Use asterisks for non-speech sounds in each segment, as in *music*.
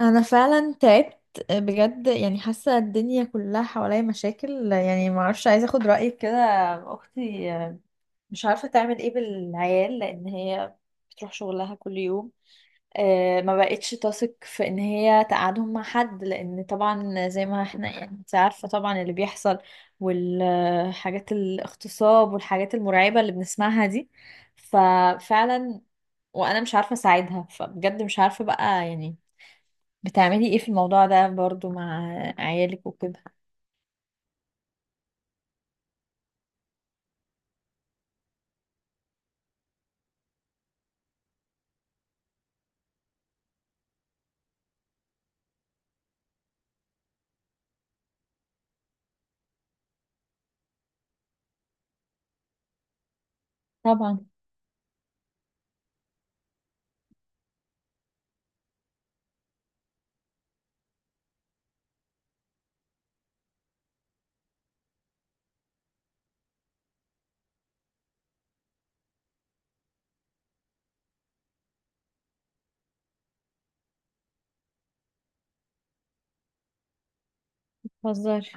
انا فعلا تعبت بجد. يعني حاسه الدنيا كلها حواليا مشاكل، يعني ما اعرفش، عايزه اخد رايك كده. اختي مش عارفه تعمل ايه بالعيال، لان هي بتروح شغلها كل يوم. آه، ما بقتش تثق في ان هي تقعدهم مع حد، لان طبعا زي ما احنا، يعني انت عارفه طبعا اللي بيحصل، والحاجات الاغتصاب والحاجات المرعبه اللي بنسمعها دي. ففعلا وانا مش عارفه اساعدها، فبجد مش عارفه بقى، يعني بتعملي ايه في الموضوع ده برضو مع عيالك وكده؟ طبعا. بهزر.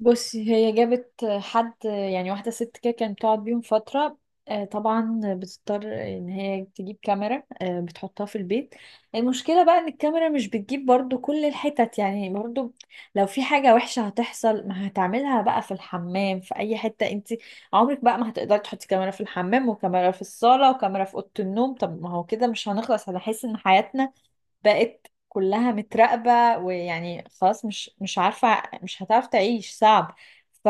بصي، هي جابت حد، يعني واحدة ست كده كانت بتقعد بيهم فترة. آه، طبعا بتضطر ان هي تجيب كاميرا، آه، بتحطها في البيت. المشكلة بقى ان الكاميرا مش بتجيب برضو كل الحتت، يعني برضو لو في حاجة وحشة هتحصل ما هتعملها بقى في الحمام، في اي حتة، انت عمرك بقى ما هتقدري تحطي كاميرا في الحمام وكاميرا في الصالة وكاميرا في أوضة النوم. طب ما هو كده مش هنخلص. هنحس ان حياتنا بقت كلها متراقبة، ويعني خلاص، مش عارفة، مش هتعرف تعيش، صعب. ف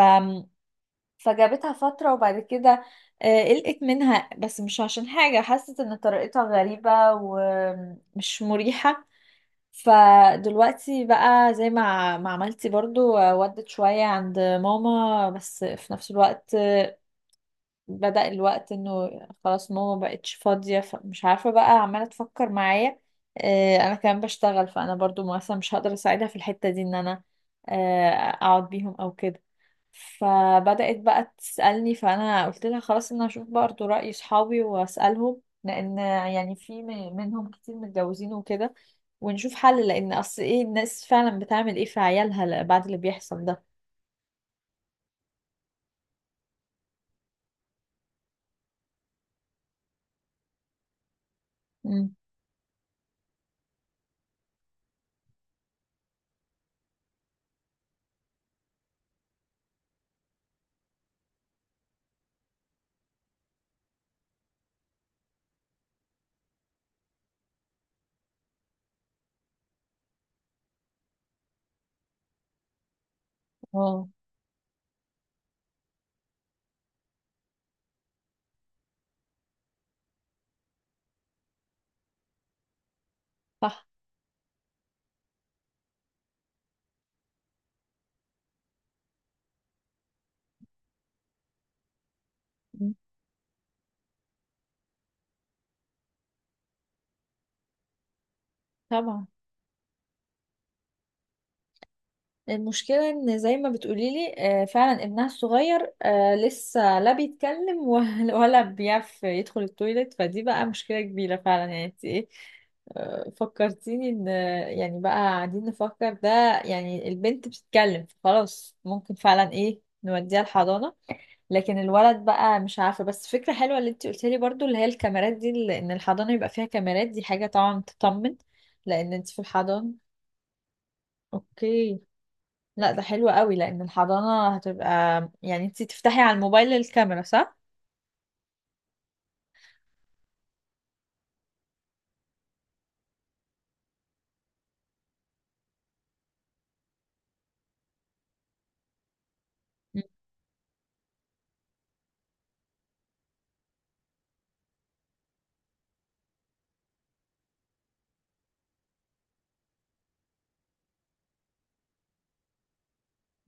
فجابتها فترة وبعد كده آه، قلقت منها، بس مش عشان حاجة، حست ان طريقتها غريبة ومش مريحة. فدلوقتي بقى زي ما عملتي برضو، آه، ودت شوية عند ماما، بس في نفس الوقت بدأ الوقت انه خلاص ماما مبقتش فاضية، فمش عارفة بقى، عمالة تفكر معايا. آه، انا كمان بشتغل، فانا برضو مثلا مش هقدر اساعدها في الحتة دي، ان انا آه، اقعد بيهم او كده. فبدأت بقى تسألني، فانا قلت لها خلاص ان انا اشوف برضو رأي صحابي واسألهم، لان يعني في منهم كتير متجوزين وكده. ونشوف حل، لان اصل ايه الناس فعلا بتعمل ايه في عيالها بعد اللي بيحصل ده. امم اه صح. مم. طبعا. المشكلة ان زي ما بتقوليلي آه، فعلا ابنها الصغير آه، لسه لا بيتكلم ولا *laughs* ولا بيعرف يدخل التويليت، فدي بقى مشكلة كبيرة فعلا، يعني انت ايه؟ آه، فكرتيني ان آه، يعني بقى قاعدين نفكر ده. يعني البنت بتتكلم فخلاص ممكن فعلا ايه نوديها الحضانة. لكن الولد بقى مش عارفة. بس فكرة حلوة اللي انت قلتيلي برضو، اللي هي الكاميرات دي ان الحضانة يبقى فيها كاميرات، دي حاجة طبعا تطمن، لان انت في الحضانة. اوكي. لا ده حلو قوي، لان الحضانة هتبقى، يعني انتي تفتحي على الموبايل الكاميرا صح؟ مم.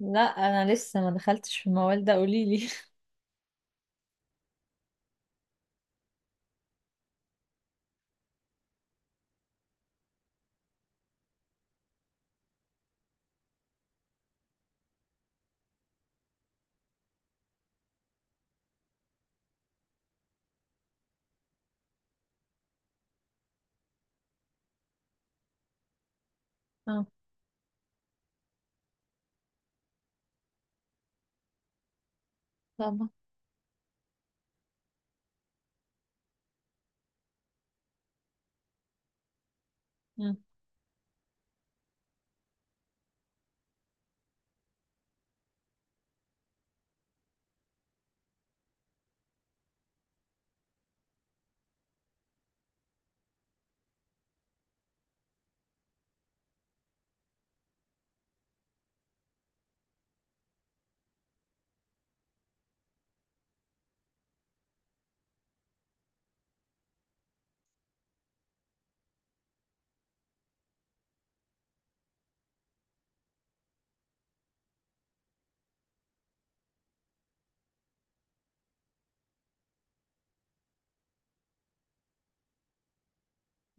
لا انا لسه ما دخلتش في الموال ده، قوليلي. *laughs* اه. طبعا. مم.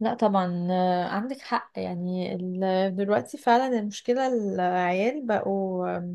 لا طبعا آه، عندك حق. يعني دلوقتي فعلا المشكلة، العيال بقوا،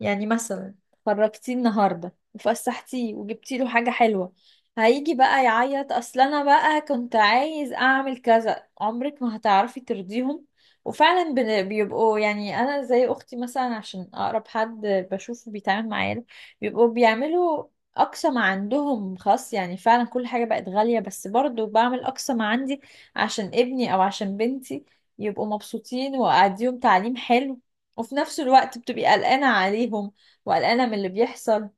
يعني مثلا خرجتيه النهارده وفسحتيه وجبتي له حاجه حلوه، هيجي بقى يعيط اصل انا بقى كنت عايز اعمل كذا. عمرك ما هتعرفي ترضيهم. وفعلا بيبقوا، يعني انا زي اختي مثلا عشان اقرب حد بشوفه بيتعامل معايا ده، بيبقوا بيعملوا اقصى ما عندهم خاص. يعني فعلا كل حاجه بقت غاليه، بس برضو بعمل اقصى ما عندي عشان ابني او عشان بنتي يبقوا مبسوطين، واديهم تعليم حلو. وفي نفس الوقت بتبقي قلقانة عليهم، وقلقانة من اللي بيحصل.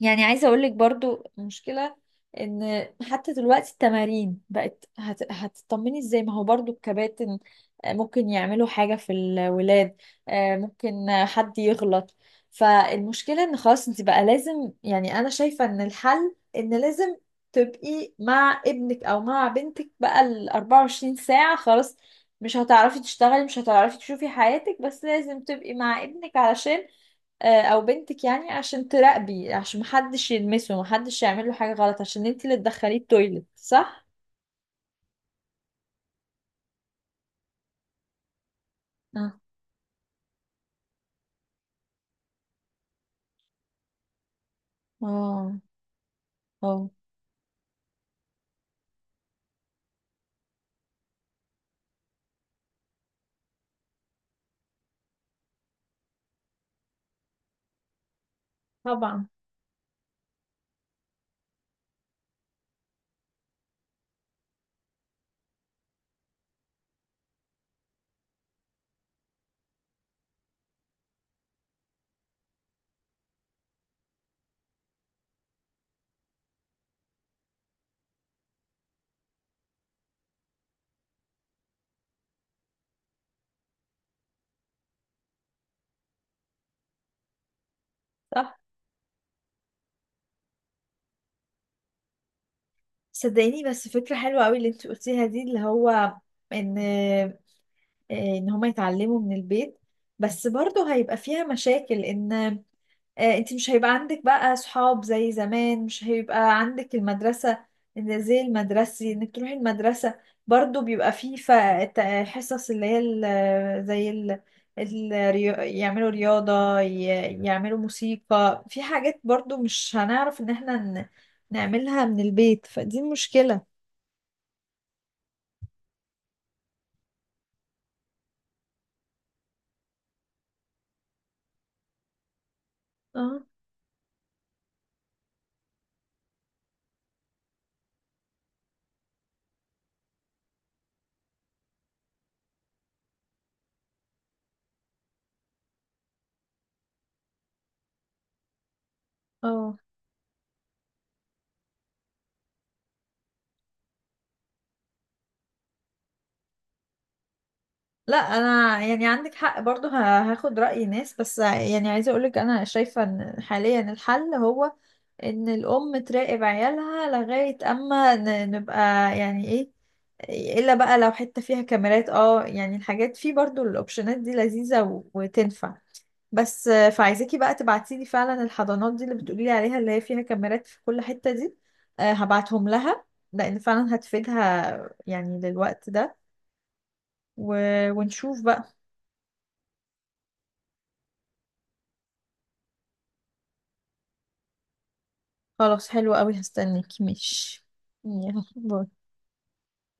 يعني عايزة اقولك برضو المشكلة ان حتى دلوقتي التمارين بقت هتطمني ازاي، ما هو برضو الكباتن آه، ممكن يعملوا حاجة في الولاد، آه، ممكن آه، حد يغلط. فالمشكلة ان خلاص انت بقى لازم، يعني انا شايفة ان الحل ان لازم تبقي مع ابنك او مع بنتك بقى ال 24 ساعة، خلاص مش هتعرفي تشتغلي، مش هتعرفي تشوفي حياتك، بس لازم تبقي مع ابنك، علشان آه، او بنتك، يعني عشان تراقبي، عشان محدش يلمسه، محدش يعمل له حاجة غلط، عشان انت اللي تدخليه التويلت، صح؟ اه اه اه طبعا صح. صدقيني بس فكرة حلوة قوي اللي انت قلتيها دي، اللي هو ان آه، ان هما يتعلموا من البيت. بس برضه هيبقى فيها مشاكل، ان آه، انت مش هيبقى عندك بقى صحاب زي زمان، مش هيبقى عندك المدرسة، إن زي المدرسي انك تروحي المدرسة. برضو بيبقى فيه ت- حصص اللي هي زي يعملوا رياضة يعملوا موسيقى، في حاجات برضو مش هنعرف ان احنا نعملها من البيت، فدي مشكلة. اه اه. لا انا، يعني عندك حق برضو، هاخد رأي ناس، بس يعني عايزة اقولك انا شايفة ان حاليا الحل هو ان الام تراقب عيالها لغاية اما نبقى، يعني ايه، الا بقى لو حتة فيها كاميرات اه، يعني الحاجات فيه برضو الاوبشنات دي لذيذة وتنفع. بس آه، فعايزاكي بقى تبعتيلي فعلا الحضانات دي اللي بتقوليلي عليها اللي هي فيها كاميرات في كل حتة دي. آه، هبعتهم لها، لان فعلا هتفيدها يعني للوقت ده. و... ونشوف بقى. خلاص حلو قوي، هستناكي، ماشي. يلا باي.